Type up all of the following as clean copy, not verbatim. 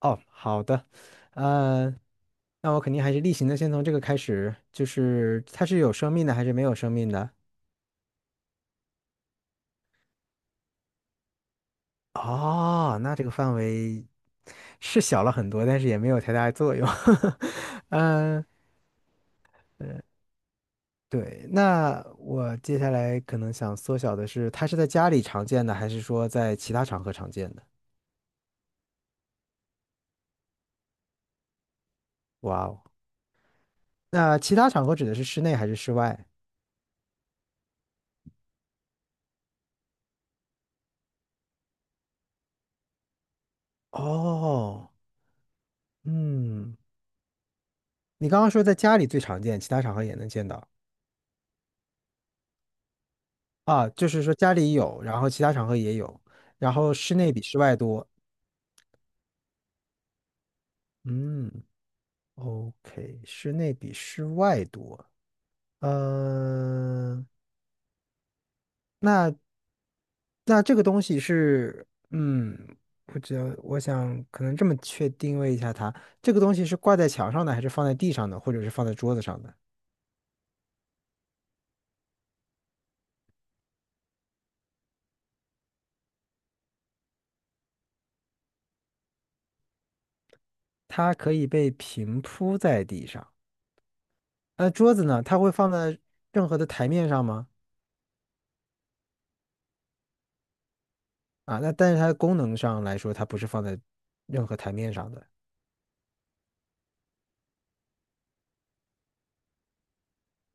哦，好的，呃，那我肯定还是例行的，先从这个开始，就是它是有生命的还是没有生命的？哦，那这个范围是小了很多，但是也没有太大的作用。嗯，对，那我接下来可能想缩小的是，它是在家里常见的，还是说在其他场合常见的？哇哦，那其他场合指的是室内还是室外？哦，嗯，你刚刚说在家里最常见，其他场合也能见到。啊，就是说家里有，然后其他场合也有，然后室内比室外多。嗯，OK，室内比室外多。嗯、那那这个东西是，不知道，我想可能这么确定位一下它，这个东西是挂在墙上的，还是放在地上的，或者是放在桌子上的？它可以被平铺在地上。那桌子呢？它会放在任何的台面上吗？啊，那但是它的功能上来说，它不是放在任何台面上的。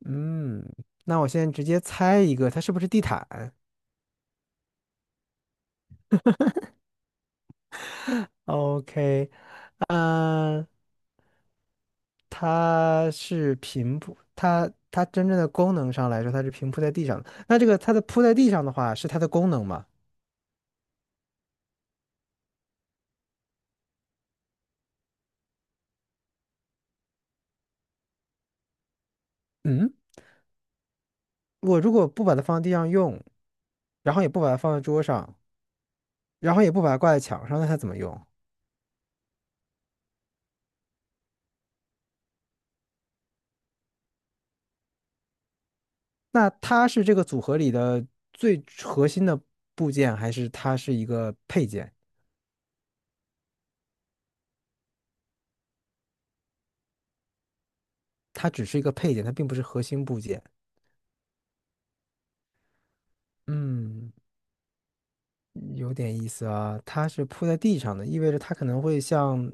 嗯，那我现在直接猜一个，它是不是地毯？OK，嗯、它是平铺，它真正的功能上来说，它是平铺在地上的。那这个它的铺在地上的话，是它的功能吗？嗯，我如果不把它放在地上用，然后也不把它放在桌上，然后也不把它挂在墙上，那它怎么用？那它是这个组合里的最核心的部件，还是它是一个配件？它只是一个配件，它并不是核心部件。嗯有点意思啊，它是铺在地上的，意味着它可能会像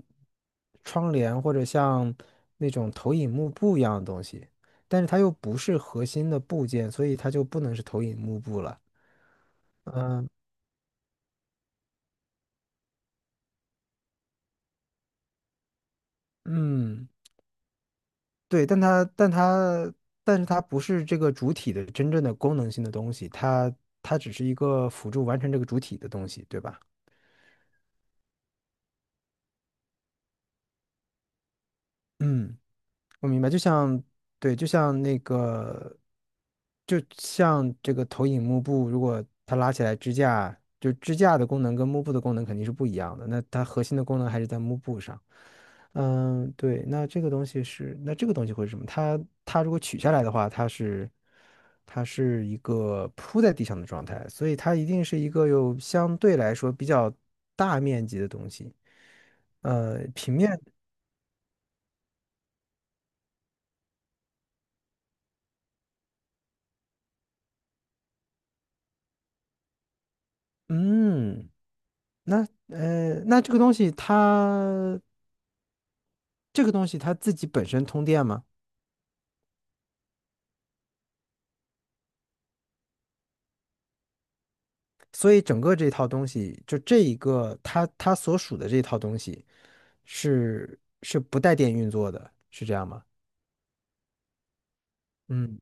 窗帘或者像那种投影幕布一样的东西，但是它又不是核心的部件，所以它就不能是投影幕布了。嗯对，但它但是它不是这个主体的真正的功能性的东西，它只是一个辅助完成这个主体的东西，对吧？嗯。我明白，就像对，就像那个，就像这个投影幕布，如果它拉起来支架，就支架的功能跟幕布的功能肯定是不一样的。那它核心的功能还是在幕布上。嗯，对，那这个东西是，那这个东西会是什么？它它如果取下来的话，它是一个铺在地上的状态，所以它一定是一个有相对来说比较大面积的东西。平面，嗯。那那这个东西它这个东西它自己本身通电吗？所以整个这套东西，就这一个它所属的这套东西是不带电运作的，是这样吗？嗯，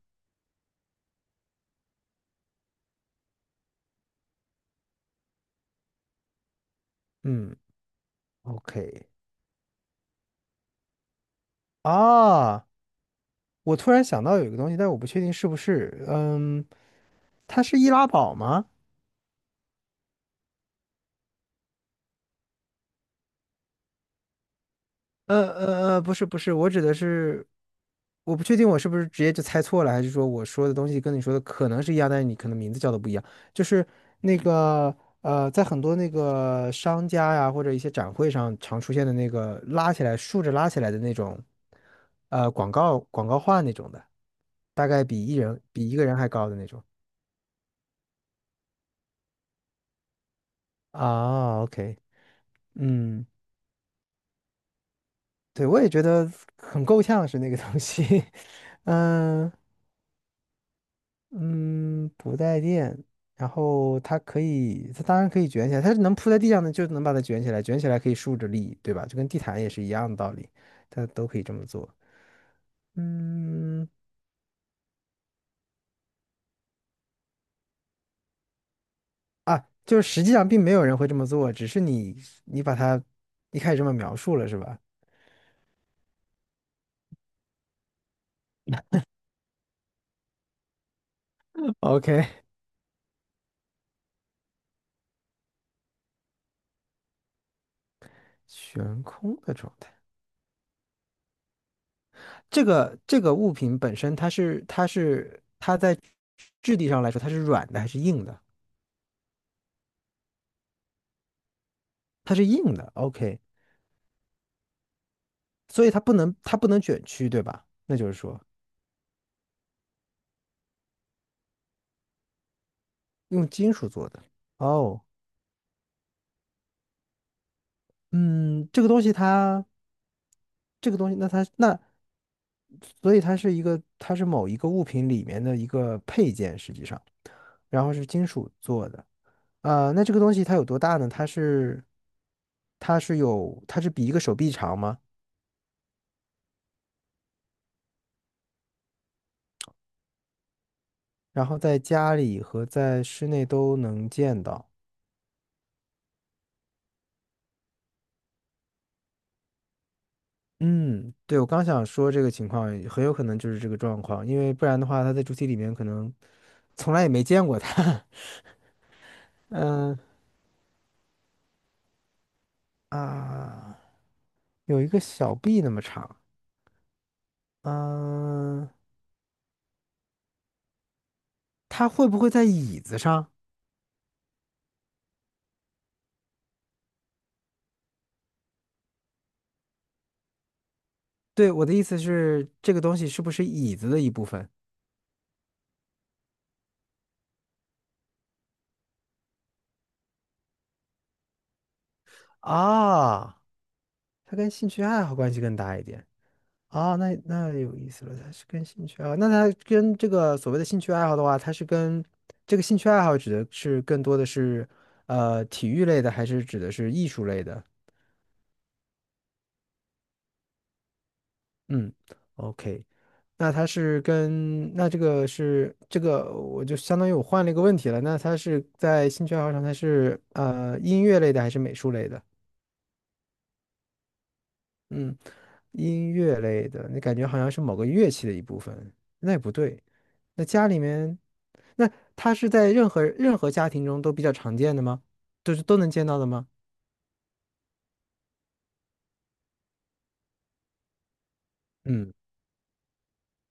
嗯，OK 啊，我突然想到有一个东西，但是我不确定是不是，它是易拉宝吗？不是不是，我指的是，我不确定我是不是直接就猜错了，还是说我说的东西跟你说的可能是一样，但是你可能名字叫的不一样。就是那个在很多那个商家呀或者一些展会上常出现的那个拉起来竖着拉起来的那种，广告画那种的，大概比一人比一个人还高的那种。啊，OK，嗯，对，我也觉得很够呛是那个东西，嗯。嗯，不带电，然后它可以，它当然可以卷起来，它是能铺在地上的，就能把它卷起来，卷起来可以竖着立，对吧？就跟地毯也是一样的道理，它都可以这么做。嗯，啊，就是实际上并没有人会这么做，只是你把它一开始这么描述了，是吧？OK，悬空的状态，这个物品本身它在质地上来说它是软的还是硬的？它是硬的，OK。所以它不能卷曲，对吧？那就是说用金属做的。哦，嗯，这个东西它这个东西，那所以它是某一个物品里面的一个配件，实际上，然后是金属做的。啊、那这个东西它有多大呢？它是比一个手臂长吗？然后在家里和在室内都能见到。嗯，对，我刚想说这个情况很有可能就是这个状况，因为不然的话，它在主体里面可能从来也没见过它。嗯啊，有一个小臂那么长。嗯，它会不会在椅子上？对，我的意思是，这个东西是不是椅子的一部分？啊，它跟兴趣爱好关系更大一点。啊，那那有意思了，它是跟兴趣啊？那它跟这个所谓的兴趣爱好的话，它是跟这个兴趣爱好指的是更多的是体育类的，还是指的是艺术类的？嗯，OK。那它是跟那这个是这个，我就相当于我换了一个问题了。那它是在兴趣爱好上，它是音乐类的还是美术类的？嗯，音乐类的，你感觉好像是某个乐器的一部分，那也不对。那家里面，那它是在任何家庭中都比较常见的吗？都能见到的吗？嗯。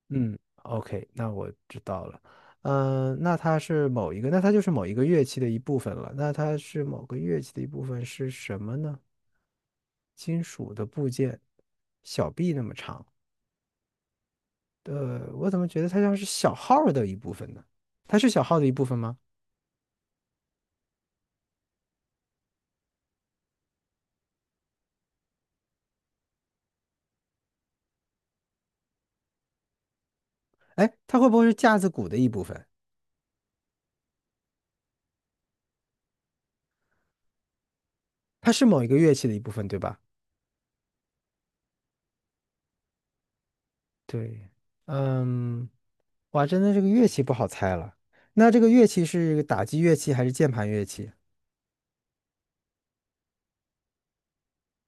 嗯，OK，那我知道了。嗯、那它是某一个，那它就是某一个乐器的一部分了。那它是某个乐器的一部分是什么呢？金属的部件，小臂那么长。呃，我怎么觉得它像是小号儿的一部分呢？它是小号的一部分吗？哎，它会不会是架子鼓的一部分？它是某一个乐器的一部分，对吧？对，嗯，哇，真的这个乐器不好猜了。那这个乐器是打击乐器还是键盘乐器？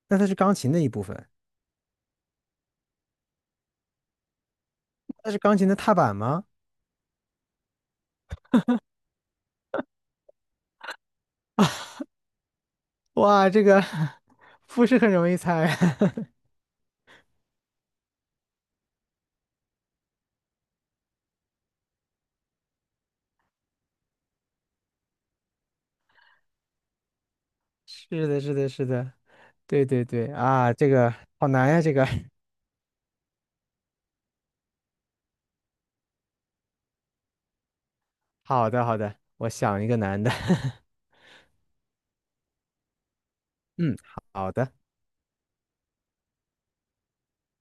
那它是钢琴的一部分，那是钢琴的踏板吗？哇，这个 不是很容易猜。是的，是的，是的，对对对啊，这个好难呀，这个。好的，好的，我想一个难的。嗯，好的。